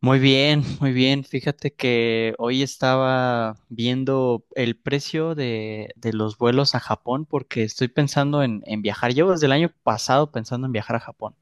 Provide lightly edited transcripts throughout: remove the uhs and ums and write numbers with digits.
Muy bien, muy bien. Fíjate que hoy estaba viendo el precio de los vuelos a Japón porque estoy pensando en viajar. Llevo desde el año pasado pensando en viajar a Japón.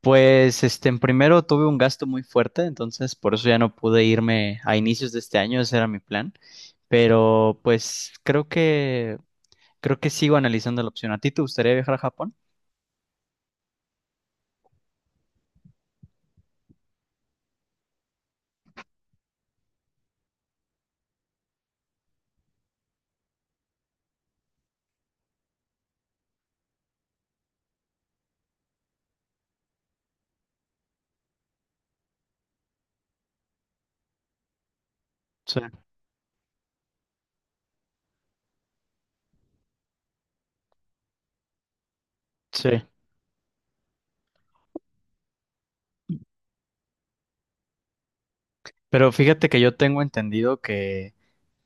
Pues, en primero tuve un gasto muy fuerte, entonces por eso ya no pude irme a inicios de este año, ese era mi plan. Pero, pues, creo que sigo analizando la opción. ¿A ti te gustaría viajar a Japón? Sí, sí. Pero fíjate que yo tengo entendido que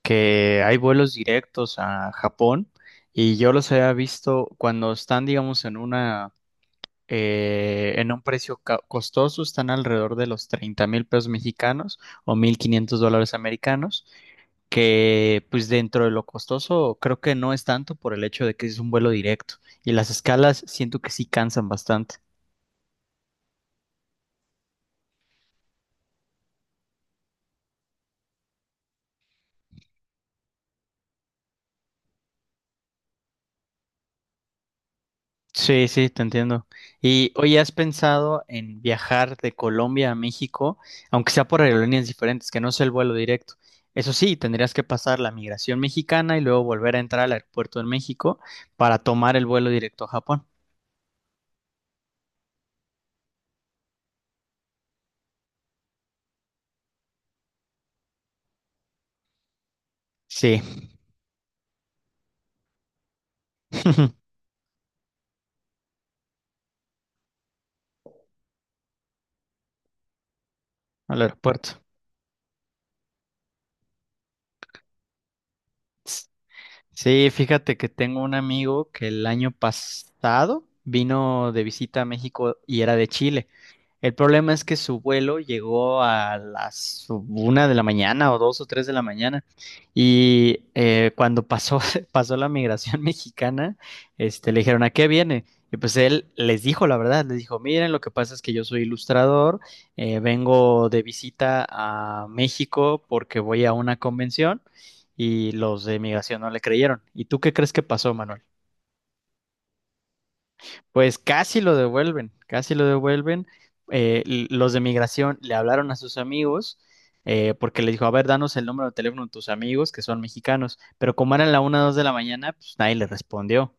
hay vuelos directos a Japón y yo los había visto cuando están, digamos, en una en un precio costoso, están alrededor de los 30,000 pesos mexicanos o 1,500 dólares americanos, que pues dentro de lo costoso creo que no es tanto por el hecho de que es un vuelo directo y las escalas siento que sí cansan bastante. Sí, sí, te entiendo. Y hoy has pensado en viajar de Colombia a México, aunque sea por aerolíneas diferentes, que no sea el vuelo directo. Eso sí, tendrías que pasar la migración mexicana y luego volver a entrar al aeropuerto de México para tomar el vuelo directo a Japón. Sí, al aeropuerto. Sí, fíjate que tengo un amigo que el año pasado vino de visita a México y era de Chile. El problema es que su vuelo llegó a las 1 de la mañana o 2 o 3 de la mañana y cuando pasó, pasó la migración mexicana, le dijeron, ¿a qué viene? Y pues él les dijo la verdad, les dijo, miren, lo que pasa es que yo soy ilustrador, vengo de visita a México porque voy a una convención y los de migración no le creyeron. ¿Y tú qué crees que pasó, Manuel? Pues casi lo devuelven, casi lo devuelven. Los de migración le hablaron a sus amigos porque le dijo, a ver, danos el número de teléfono de tus amigos que son mexicanos. Pero como eran la 1 o 2 de la mañana, pues nadie le respondió.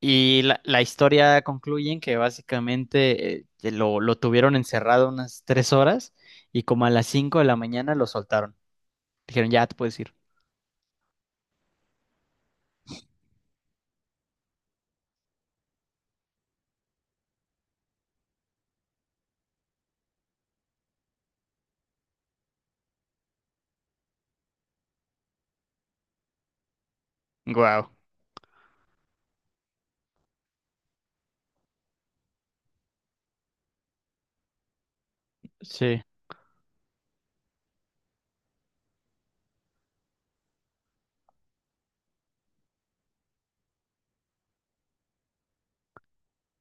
Y la historia concluye en que básicamente que lo tuvieron encerrado unas 3 horas y como a las 5 de la mañana lo soltaron. Dijeron, ya te puedes ir. Wow. Sí.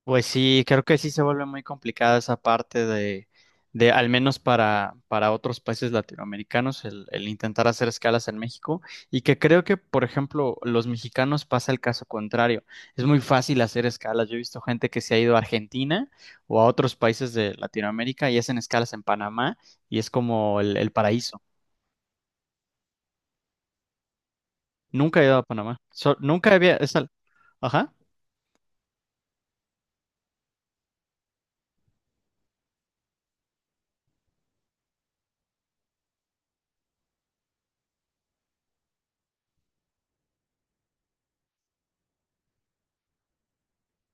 Pues sí, creo que sí se vuelve muy complicada esa parte de al menos para otros países latinoamericanos, el intentar hacer escalas en México. Y que creo que, por ejemplo, los mexicanos pasa el caso contrario. Es muy fácil hacer escalas. Yo he visto gente que se ha ido a Argentina o a otros países de Latinoamérica y hacen escalas en Panamá y es como el paraíso. Nunca he ido a Panamá. Nunca había. Ajá.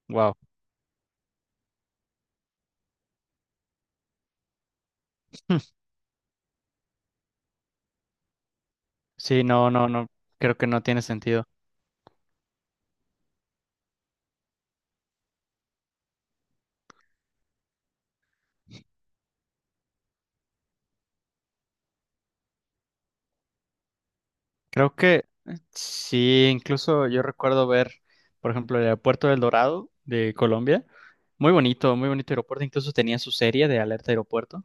Wow. Sí, no, no, no. Creo que no tiene sentido. Creo que sí, incluso yo recuerdo ver, por ejemplo, el aeropuerto del Dorado de Colombia. Muy bonito aeropuerto. Incluso tenía su serie de Alerta Aeropuerto.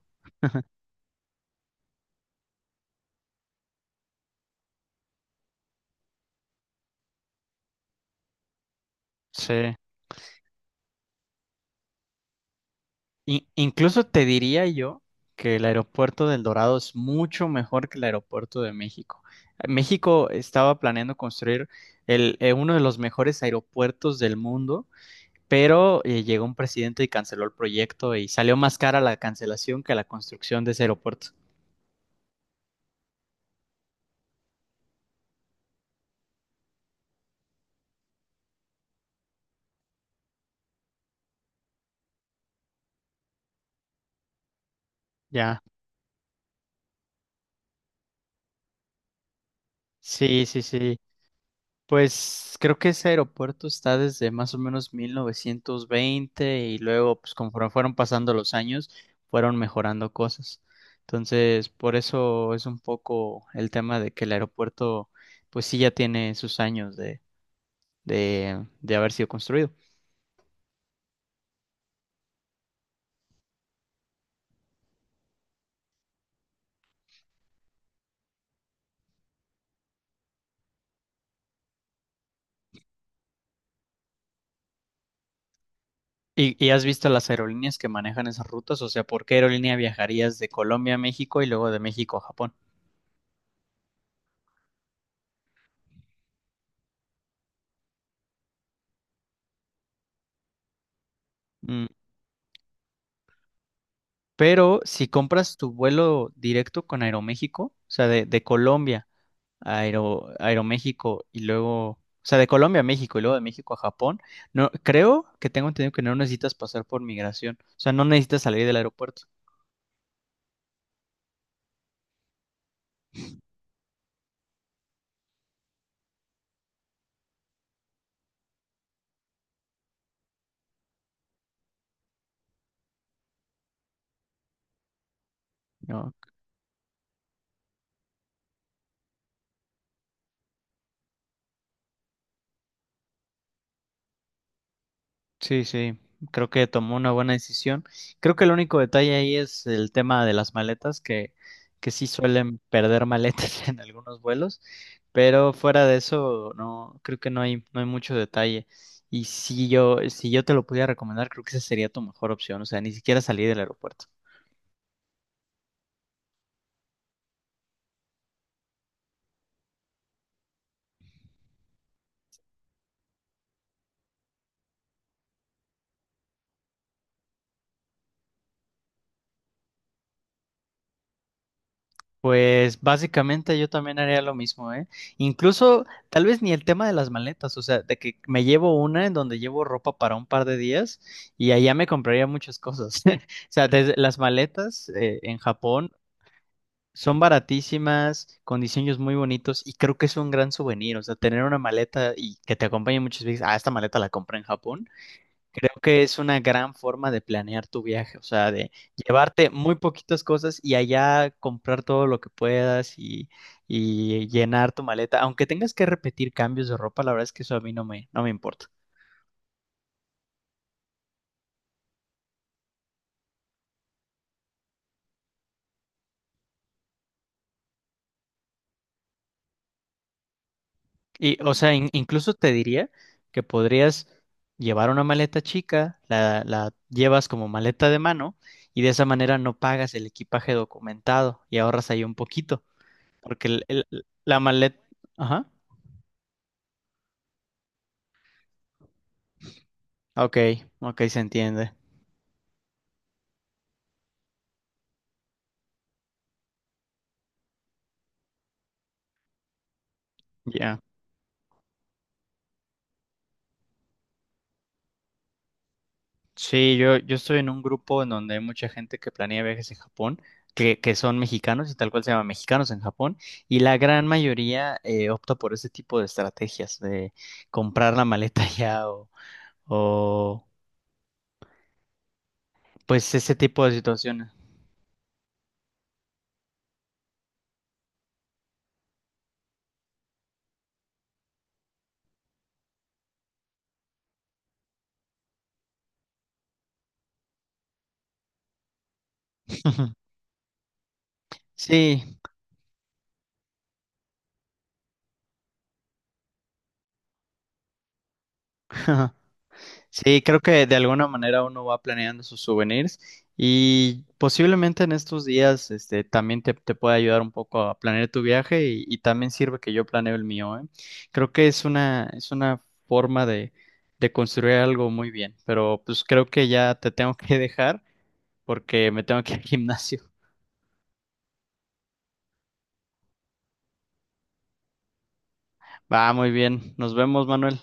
Sí. Incluso te diría yo que el aeropuerto del Dorado es mucho mejor que el aeropuerto de México. México estaba planeando construir uno de los mejores aeropuertos del mundo, pero llegó un presidente y canceló el proyecto y salió más cara la cancelación que la construcción de ese aeropuerto. Ya. Sí, sí, sí. Pues creo que ese aeropuerto está desde más o menos 1920 y luego, pues conforme fueron pasando los años, fueron mejorando cosas. Entonces, por eso es un poco el tema de que el aeropuerto, pues sí, ya tiene sus años de, de haber sido construido. ¿Y has visto las aerolíneas que manejan esas rutas? O sea, ¿por qué aerolínea viajarías de Colombia a México y luego de México a Japón? Pero si compras tu vuelo directo con Aeroméxico, o sea, de Colombia a Aero- Aeroméxico y luego, o sea, de Colombia a México y luego de México a Japón, no, creo que tengo entendido que no necesitas pasar por migración, o sea, no necesitas salir del aeropuerto, ¿no? Sí, sí, creo que tomó una buena decisión. Creo que el único detalle ahí es el tema de las maletas, que, sí suelen perder maletas en algunos vuelos, pero fuera de eso, no, creo que no hay mucho detalle. Y si yo te lo pudiera recomendar, creo que esa sería tu mejor opción, o sea, ni siquiera salir del aeropuerto. Pues básicamente yo también haría lo mismo, ¿eh? Incluso tal vez ni el tema de las maletas, o sea, de que me llevo una en donde llevo ropa para un par de días y allá me compraría muchas cosas. O sea, desde las maletas en Japón son baratísimas, con diseños muy bonitos y creo que es un gran souvenir, o sea, tener una maleta y que te acompañe en muchos viajes, ah, esta maleta la compré en Japón, que es una gran forma de planear tu viaje, o sea, de llevarte muy poquitas cosas y allá comprar todo lo que puedas y llenar tu maleta, aunque tengas que repetir cambios de ropa, la verdad es que eso a mí no me importa. Y, o sea, incluso te diría que podrías llevar una maleta chica, la llevas como maleta de mano y de esa manera no pagas el equipaje documentado y ahorras ahí un poquito, porque la maleta... Ajá. Ok, ok, se entiende. Ya. Sí, yo estoy en un grupo en donde hay mucha gente que planea viajes en Japón, que son mexicanos y tal cual se llama Mexicanos en Japón, y la gran mayoría opta por ese tipo de estrategias, de comprar la maleta ya o, o pues ese tipo de situaciones. Sí, Sí, creo que de alguna manera uno va planeando sus souvenirs y posiblemente en estos días este, también te puede ayudar un poco a planear tu viaje y también sirve que yo planeo el mío, ¿eh? Creo que es una forma de construir algo muy bien, pero pues creo que ya te tengo que dejar porque me tengo que ir al gimnasio. Va, muy bien. Nos vemos, Manuel.